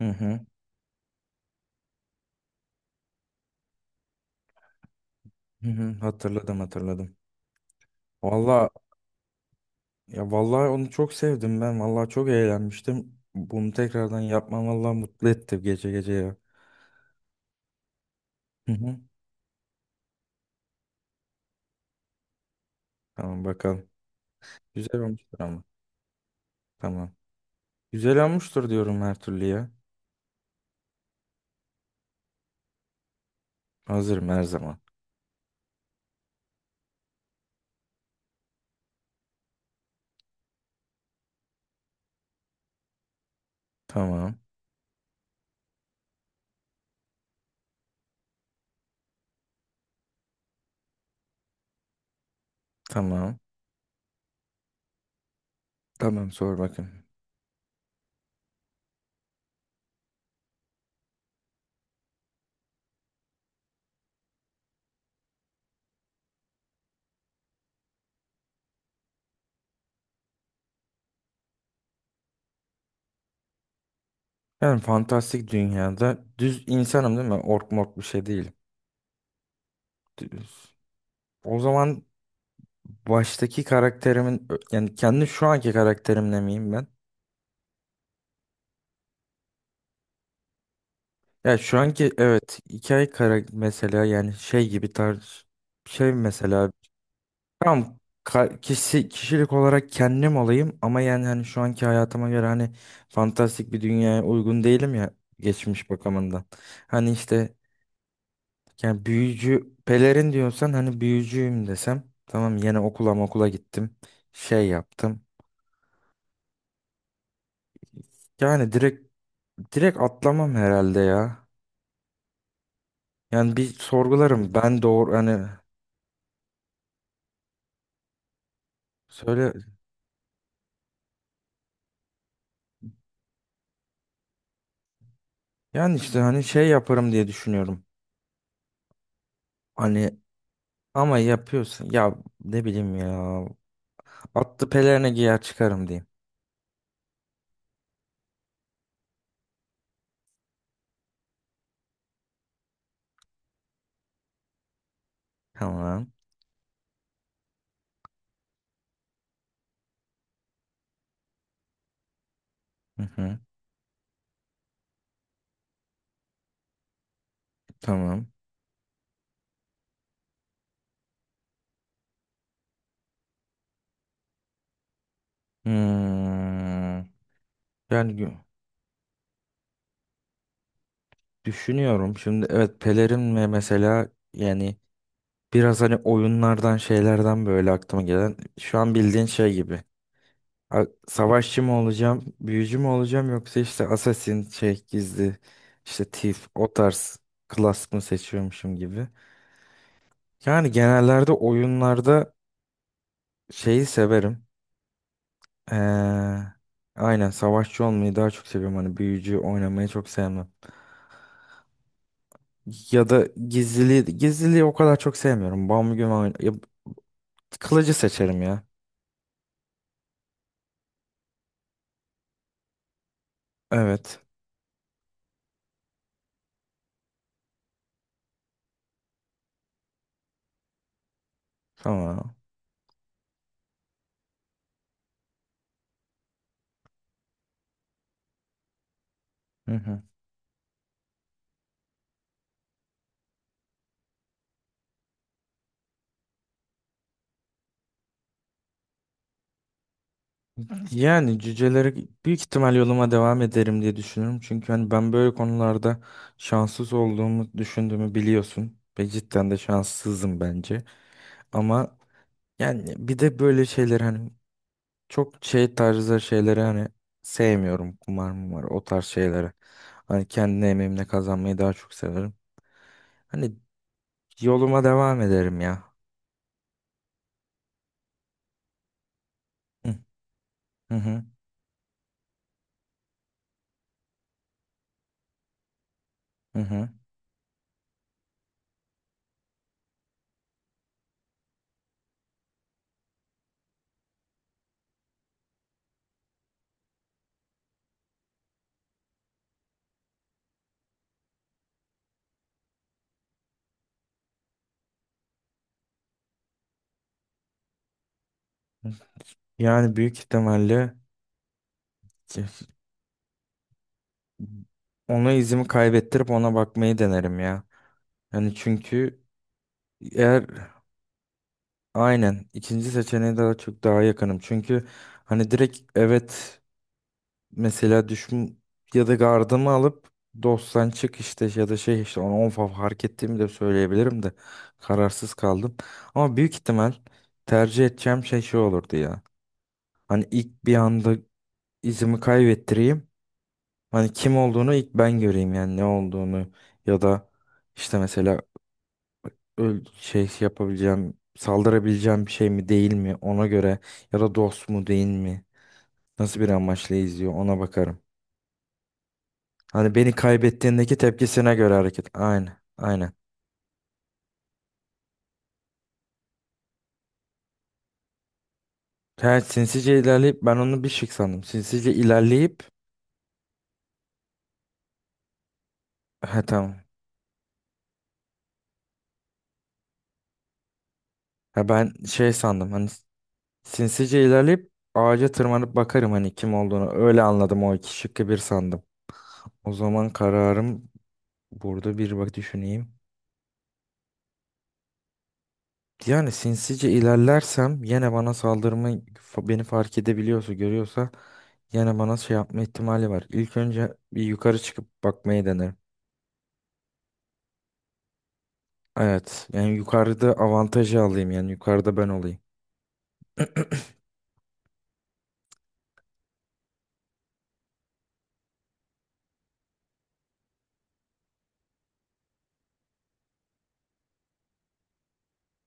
Hı hı, hı hı, hatırladım hatırladım. Valla ya vallahi onu çok sevdim ben. Vallahi çok eğlenmiştim. Bunu tekrardan yapmam vallahi mutlu etti gece gece ya. Hı hı. Tamam bakalım. Güzel olmuştur ama. Tamam. Güzel olmuştur diyorum her türlü ya. Hazırım her zaman. Tamam. Tamam. Tamam sor bakayım. Ben fantastik dünyada düz insanım değil mi? Ork mork bir şey değil. Düz. O zaman baştaki karakterimin yani kendi şu anki karakterimle miyim ben? Ya şu anki evet hikaye kara mesela yani şey gibi tarz şey mesela tam kişi, kişilik olarak kendim olayım ama yani hani şu anki hayatıma göre hani fantastik bir dünyaya uygun değilim ya geçmiş bakımından. Hani işte yani büyücü pelerin diyorsan hani büyücüyüm desem tamam yine okula gittim şey yaptım. Yani direkt atlamam herhalde ya. Yani bir sorgularım ben doğru hani söyle. Yani işte hani şey yaparım diye düşünüyorum. Hani ama yapıyorsun ya ne bileyim ya. Attı pelerine giyer çıkarım diyeyim. Tamam. Hı hı. Tamam. Hmm. Yani gü- Düşünüyorum şimdi evet pelerin ve mesela yani biraz hani oyunlardan şeylerden böyle aklıma gelen şu an bildiğin şey gibi. Savaşçı mı olacağım, büyücü mü olacağım yoksa işte assassin şey gizli işte thief o tarz class mı seçiyormuşum gibi. Yani genellerde oyunlarda şeyi severim. Ee, aynen savaşçı olmayı daha çok seviyorum. Hani büyücü oynamayı çok sevmem. Ya da gizliliği o kadar çok sevmiyorum. Ya, kılıcı seçerim ya. Evet. Tamam. Hı hı. Yani cüceleri büyük ihtimal yoluma devam ederim diye düşünüyorum. Çünkü hani ben böyle konularda şanssız olduğumu düşündüğümü biliyorsun. Ve cidden de şanssızım bence. Ama yani bir de böyle şeyler hani çok şey tarzı şeyleri hani sevmiyorum. Kumar mumar o tarz şeyleri. Hani kendi emeğimle kazanmayı daha çok severim. Hani yoluma devam ederim ya. Hı hı hı. Hı hı. Yani büyük ihtimalle ki- ona izimi kaybettirip ona bakmayı denerim ya. Yani çünkü eğer aynen ikinci seçeneğe daha çok daha yakınım. Çünkü hani direkt evet. Mesela düşün ya da gardımı alıp dosttan çık işte ya da şey işte onu fark ettiğimi de söyleyebilirim de kararsız kaldım. Ama büyük ihtimal tercih edeceğim şey olurdu ya. Hani ilk bir anda izimi kaybettireyim. Hani kim olduğunu ilk ben göreyim yani ne olduğunu ya da işte mesela şey yapabileceğim saldırabileceğim bir şey mi değil mi ona göre ya da dost mu değil mi nasıl bir amaçla izliyor ona bakarım. Hani beni kaybettiğindeki tepkisine göre hareket. Aynen. Aynen. Ha, sinsice ilerleyip ben onu bir şık sandım. Sinsice ilerleyip ha tamam. Ha ben şey sandım hani sinsice ilerleyip ağaca tırmanıp bakarım hani kim olduğunu. Öyle anladım o iki şıkkı bir sandım. O zaman kararım burada bir bak düşüneyim. Yani sinsice ilerlersem yine bana beni fark edebiliyorsa görüyorsa yine bana şey yapma ihtimali var. İlk önce bir yukarı çıkıp bakmayı denerim. Evet. Yani yukarıda avantajı alayım. Yani yukarıda ben olayım.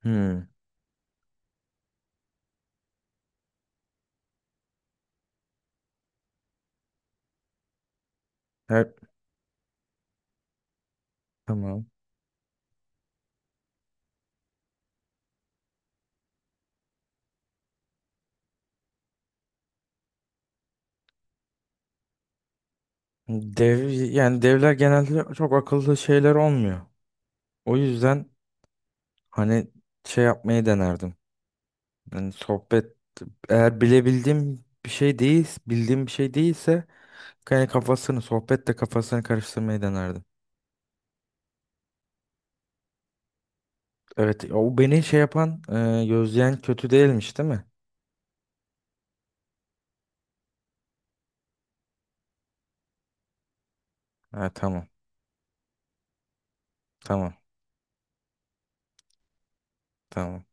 Hmm. Her, tamam. Dev, yani devler genelde çok akıllı şeyler olmuyor. O yüzden hani şey yapmayı denerdim. Yani sohbet eğer bilebildiğim bir şey değil, bildiğim bir şey değilse yani sohbetle kafasını karıştırmayı denerdim. Evet, o beni şey yapan, gözleyen kötü değilmiş, değil mi? Ha, tamam. Tamam. Tamam.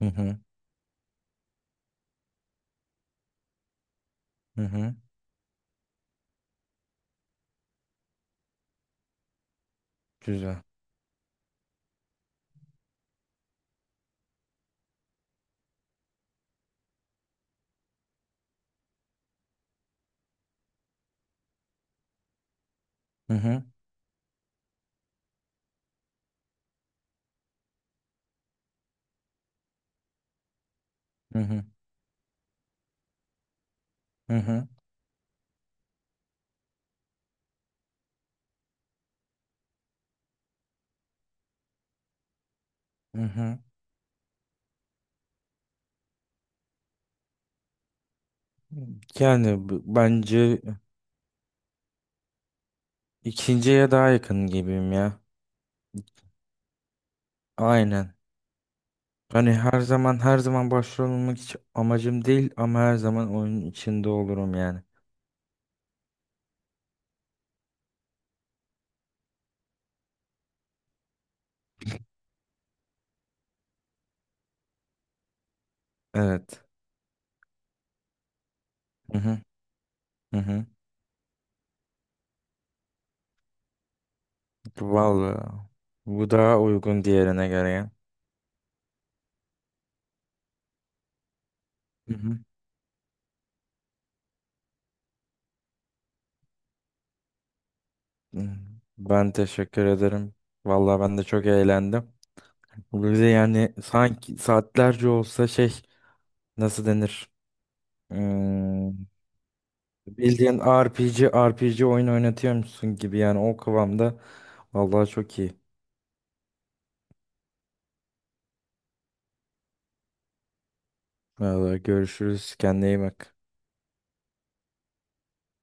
Hı hı. Hı hı. Güzel. Hı hı. Hı hı. Hı hı. Hı hı. Bence ikinciye daha yakın gibiyim ya. Aynen. Hani her zaman başrol olmak hiç amacım değil ama her zaman oyunun içinde olurum yani. Evet. Hı hı. Hı hı. Vallahi bu daha uygun diğerine göre ya. Hı hı. Hı. Ben teşekkür ederim. Vallahi ben de çok eğlendim. Bize yani sanki saatlerce olsa şey nasıl denir? Hmm, bildiğin RPG oyun oynatıyormuşsun gibi yani o kıvamda. Vallahi çok iyi. Vallahi görüşürüz. Kendine iyi bak.